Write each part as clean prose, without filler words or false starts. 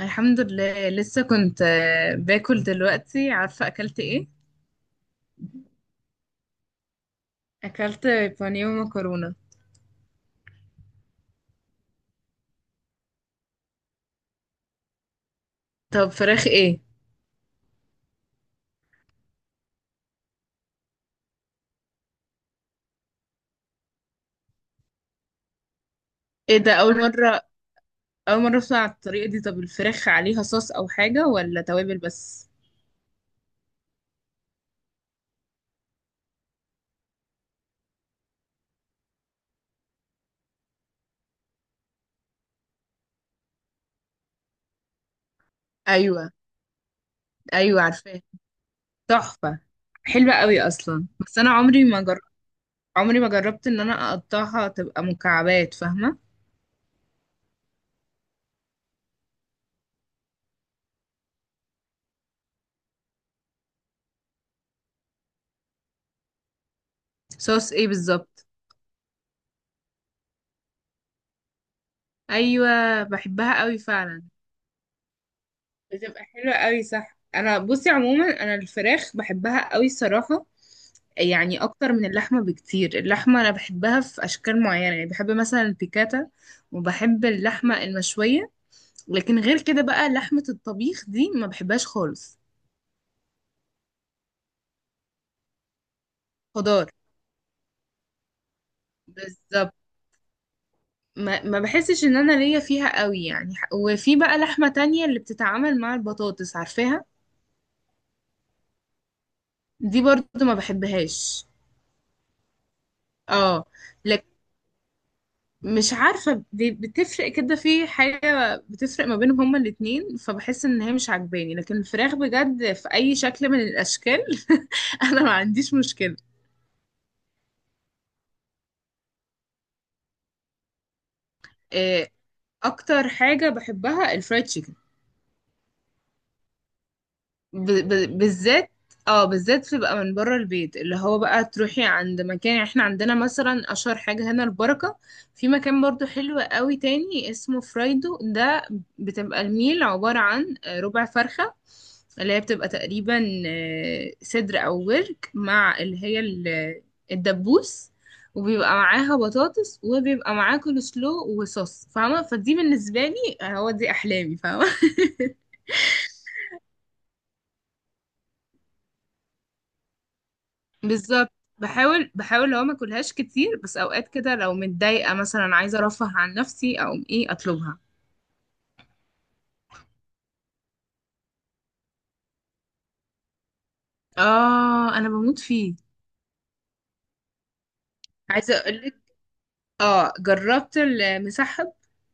الحمد لله لسه كنت باكل دلوقتي. عارفة أكلت إيه؟ أكلت بانيه ومكرونة. طب فراخ إيه؟ إيه ده أول مرة؟ أول مرة أسمع الطريقة دي. طب الفراخ عليها صوص أو حاجة ولا توابل بس؟ أيوة، أيوة، عارفاه. تحفة. حلوة قوي أصلا، بس أنا عمري ما عمري ما جربت إن أنا أقطعها تبقى مكعبات، فاهمة؟ صوص إيه بالظبط؟ أيوة، بحبها قوي فعلا. بتبقى حلوة قوي، صح. انا بصي عموما انا الفراخ بحبها قوي صراحة، يعني اكتر من اللحمه بكتير. اللحمه انا بحبها في اشكال معينه، يعني بحب مثلا البيكاتا وبحب اللحمه المشويه. لكن غير كده بقى لحمه الطبيخ دي ما بحبهاش خالص. خضار. بالظبط. ما بحسش ان انا ليا فيها قوي يعني، وفي بقى لحمه تانية اللي بتتعامل مع البطاطس، عارفاها؟ دي برضو ما بحبهاش. اه، مش عارفة بتفرق كده، في حاجة بتفرق ما بينهم هما الاتنين، فبحس ان هي مش عجباني. لكن الفراخ بجد في اي شكل من الاشكال انا ما عنديش مشكلة. إيه، اكتر حاجة بحبها الفرايد تشيكن. بالذات، اه، بالذات تبقى من بره البيت، اللي هو بقى تروحي عند مكان. احنا عندنا مثلا اشهر حاجة هنا البركة. في مكان برضو حلو قوي تاني اسمه فرايدو ده. بتبقى الميل عبارة عن ربع فرخة، اللي هي بتبقى تقريبا صدر او ورك مع الدبوس. وبيبقى معاها بطاطس وبيبقى معاه كول سلو وصوص، فاهمة؟ فدي بالنسبة لي هو دي أحلامي، فاهمة. بالظبط. بحاول بحاول لو ما اكلهاش كتير، بس اوقات كده لو متضايقه مثلا عايزه ارفه عن نفسي اقوم ايه اطلبها. اه، انا بموت فيه. عايزه اقول لك، اه جربت المسحب.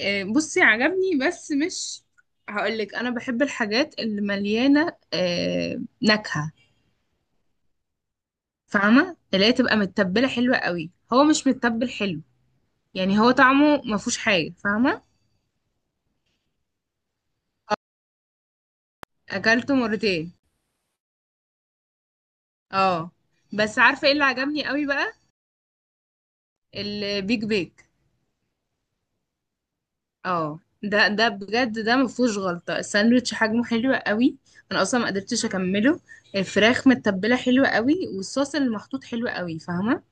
بصي عجبني بس مش، هقول لك انا بحب الحاجات اللي مليانه نكهه، فاهمه. اللي هي تبقى متبله حلوه قوي، هو مش متبل حلو. يعني هو طعمه ما فيهوش حاجه، فاهمه. اكلته مرتين. اه. بس عارفه ايه اللي عجبني قوي بقى؟ البيج بيك. اه، ده بجد ده ما فيهوش غلطه. الساندوتش حجمه حلو قوي، انا اصلا ما قدرتش اكمله. الفراخ متبله حلوه قوي، والصوص اللي محطوط حلو قوي، فاهمه.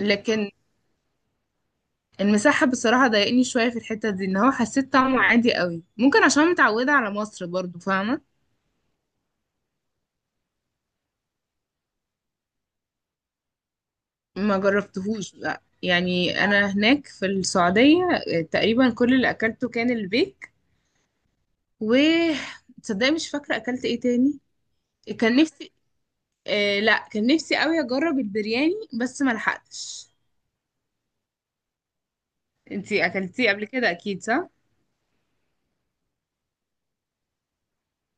لكن المساحه بصراحه ضايقني شويه في الحته دي، ان هو حسيت طعمه عادي قوي، ممكن عشان متعوده على مصر برضو، فاهمه. ما جربتهوش لا، يعني انا هناك في السعوديه تقريبا كل اللي اكلته كان البيك. و، تصدقي مش فاكره اكلت ايه تاني. كان نفسي، لا كان نفسي قوي اجرب البرياني، بس ما لحقتش. انتي اكلتيه قبل كده اكيد صح؟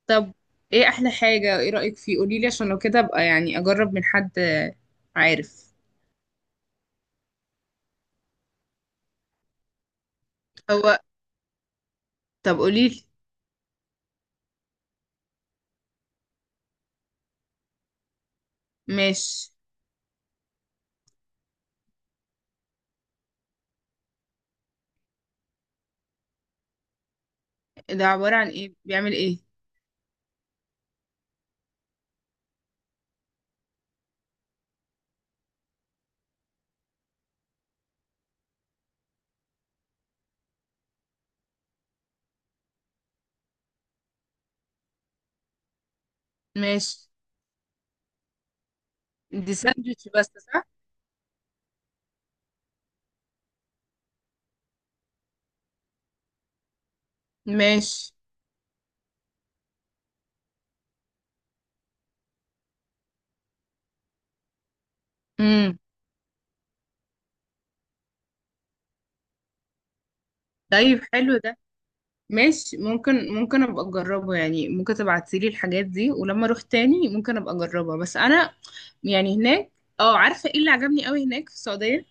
طب ايه احلى حاجة؟ ايه رأيك فيه؟ قوليلي عشان لو كده ابقى يعني اجرب من حد. عارف. هو، طب قوليلي. ماشي. ده عبارة عن ايه؟ بيعمل ايه؟ ماشي. دي ساندوتش بس صح؟ ماشي. امم. طيب حلو ده. ماشي، ممكن ابقى اجربه، يعني ممكن تبعتيلي الحاجات دي ولما اروح تاني ممكن ابقى اجربها. بس انا يعني هناك، اه عارفه ايه اللي عجبني قوي هناك في السعوديه؟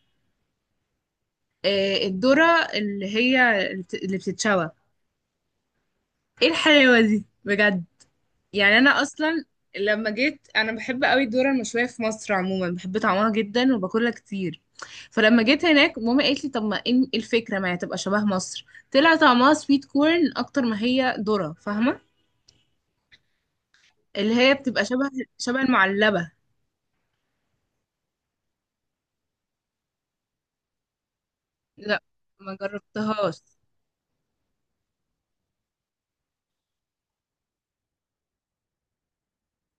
الذره، اللي بتتشوى. ايه الحلاوه دي بجد! يعني انا اصلا لما جيت، انا بحب قوي الذره المشويه في مصر عموما، بحب طعمها جدا وباكلها كتير. فلما جيت هناك، ماما قالت لي طب ما ايه الفكره، ما هي تبقى شبه مصر. طلع طعمها سويت كورن اكتر ما هي ذره، فاهمه. اللي هي بتبقى شبه المعلبة. لا ما جربتهاش.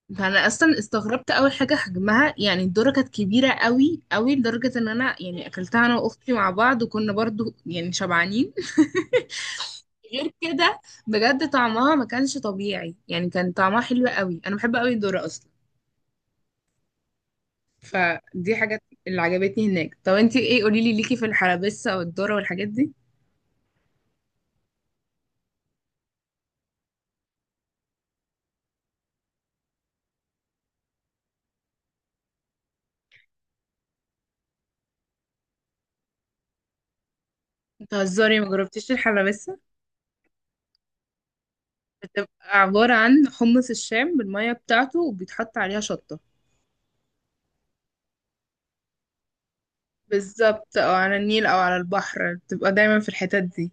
ده انا اصلا استغربت اول حاجة حجمها، يعني الدورة كانت كبيرة قوي قوي، لدرجة ان انا يعني اكلتها انا واختي مع بعض وكنا برضو يعني شبعانين. غير كده، بجد طعمها ما كانش طبيعي، يعني كان طعمها حلو قوي. انا بحب قوي الدورة اصلا. فدي حاجات اللي عجبتني هناك. طب انتي ايه؟ قوليلي ليكي في الحلبسة والدورة والحاجات دي. بتهزري! ما جربتيش الحلبسة؟ بتبقى عبارة عن حمص الشام بالمية بتاعته، وبيتحط عليها شطة. بالظبط، او على النيل او على البحر، بتبقى دايما في الحتات دي.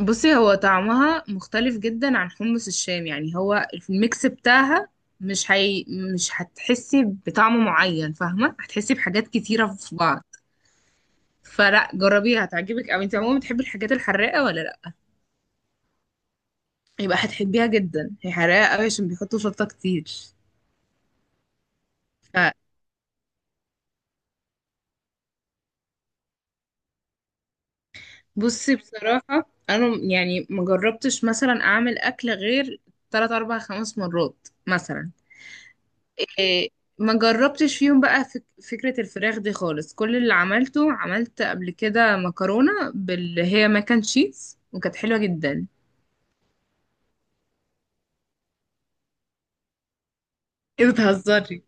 بصي هو طعمها مختلف جدا عن حمص الشام، يعني هو الميكس بتاعها. مش هي... مش هتحسي بطعم معين، فاهمة، هتحسي بحاجات كتيرة في بعض. فلا جربيها هتعجبك اوي. انت عموما بتحبي الحاجات الحراقة ولا لا؟ يبقى هتحبيها جدا، هي حراقة اوي عشان بيحطوا شطة كتير. بصي بصراحة أنا يعني مجربتش مثلا أعمل أكل غير تلات أربع خمس مرات مثلا. إيه، ما جربتش فيهم بقى فكرة الفراخ دي خالص. كل اللي عملته، عملت قبل كده مكرونة باللي هي ماكن تشيز، وكانت حلوة جدا. إيه بتهزري؟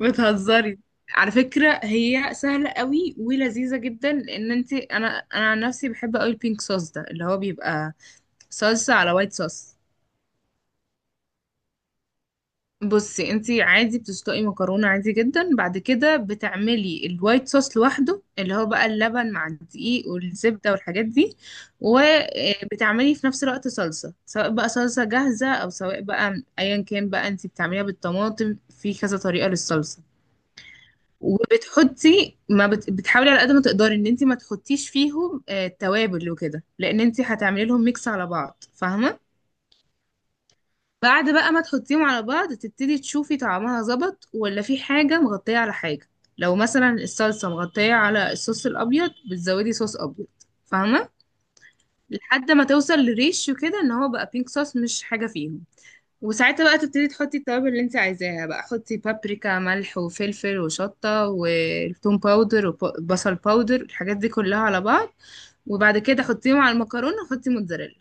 بتهزري، على فكرة هي سهلة قوي ولذيذة جدا. لأن انت أنا أنا عن نفسي بحب قوي البينك صوص ده، اللي هو بيبقى صلصة على وايت صوص. بصي انتي عادي بتسلقي مكرونة عادي جدا، بعد كده بتعملي الوايت صوص لوحده، اللي هو بقى اللبن مع الدقيق والزبدة والحاجات دي. وبتعملي في نفس الوقت صلصة، سواء بقى صلصة جاهزة او سواء بقى ايا كان، بقى انتي بتعمليها بالطماطم في كذا طريقة للصلصة. وبتحطي ما بت... بتحاولي على قد ما تقدري ان انتي ما تحطيش فيهم توابل وكده، لان انتي هتعملي لهم ميكس على بعض، فاهمة. بعد بقى ما تحطيهم على بعض، تبتدي تشوفي طعمها ظبط ولا في حاجة مغطية على حاجة. لو مثلا الصلصة مغطية على الصوص الأبيض، بتزودي صوص أبيض، فاهمة. لحد ما توصل لريشيو كده ان هو بقى بينك صوص، مش حاجة فيهم. وساعتها بقى تبتدي تحطي التوابل اللي انت عايزاها. بقى حطي بابريكا، ملح وفلفل وشطة وتوم باودر وبصل باودر، الحاجات دي كلها على بعض. وبعد كده حطيهم على المكرونة وحطي موتزاريلا.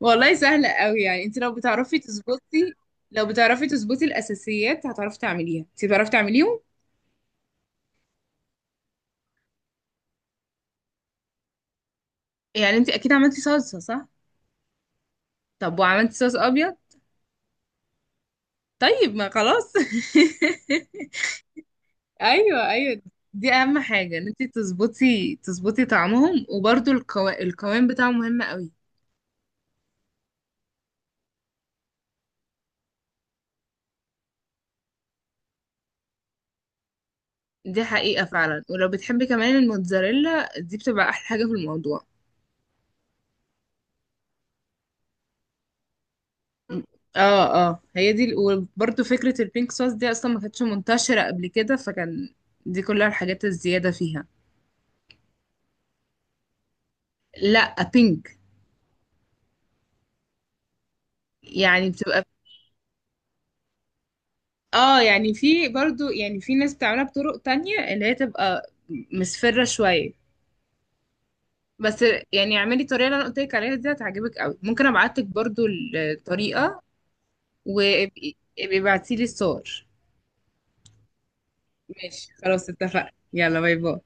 والله سهلة قوي، يعني انت لو بتعرفي تظبطي، لو بتعرفي تظبطي الأساسيات هتعرفي تعمليها. انت بتعرفي تعمليهم، يعني انت أكيد عملتي صلصة صح؟ طب وعملتي صوص أبيض؟ طيب ما خلاص. أيوه، أيوه. دي أهم حاجة، ان انت تظبطي تظبطي طعمهم. وبرده القوام بتاعه مهم قوي. دي حقيقة فعلا. ولو بتحبي كمان الموتزاريلا دي بتبقى أحلى حاجة في الموضوع. اه اه، هي دي. وبرده فكرة البينك صوص دي اصلا ما كانتش منتشرة قبل كده، فكان دي كلها الحاجات الزيادة فيها. لا بينك. يعني بتبقى، اه يعني في برضو، يعني في ناس بتعملها بطرق تانية اللي هي تبقى مصفرة شوية. بس يعني اعملي الطريقة اللي انا قلت لك عليها دي، هتعجبك قوي. ممكن ابعتلك برضو الطريقة. وابقي ابعتي لي الصور. ماشي خلاص، اتفقنا. يلا باي باي.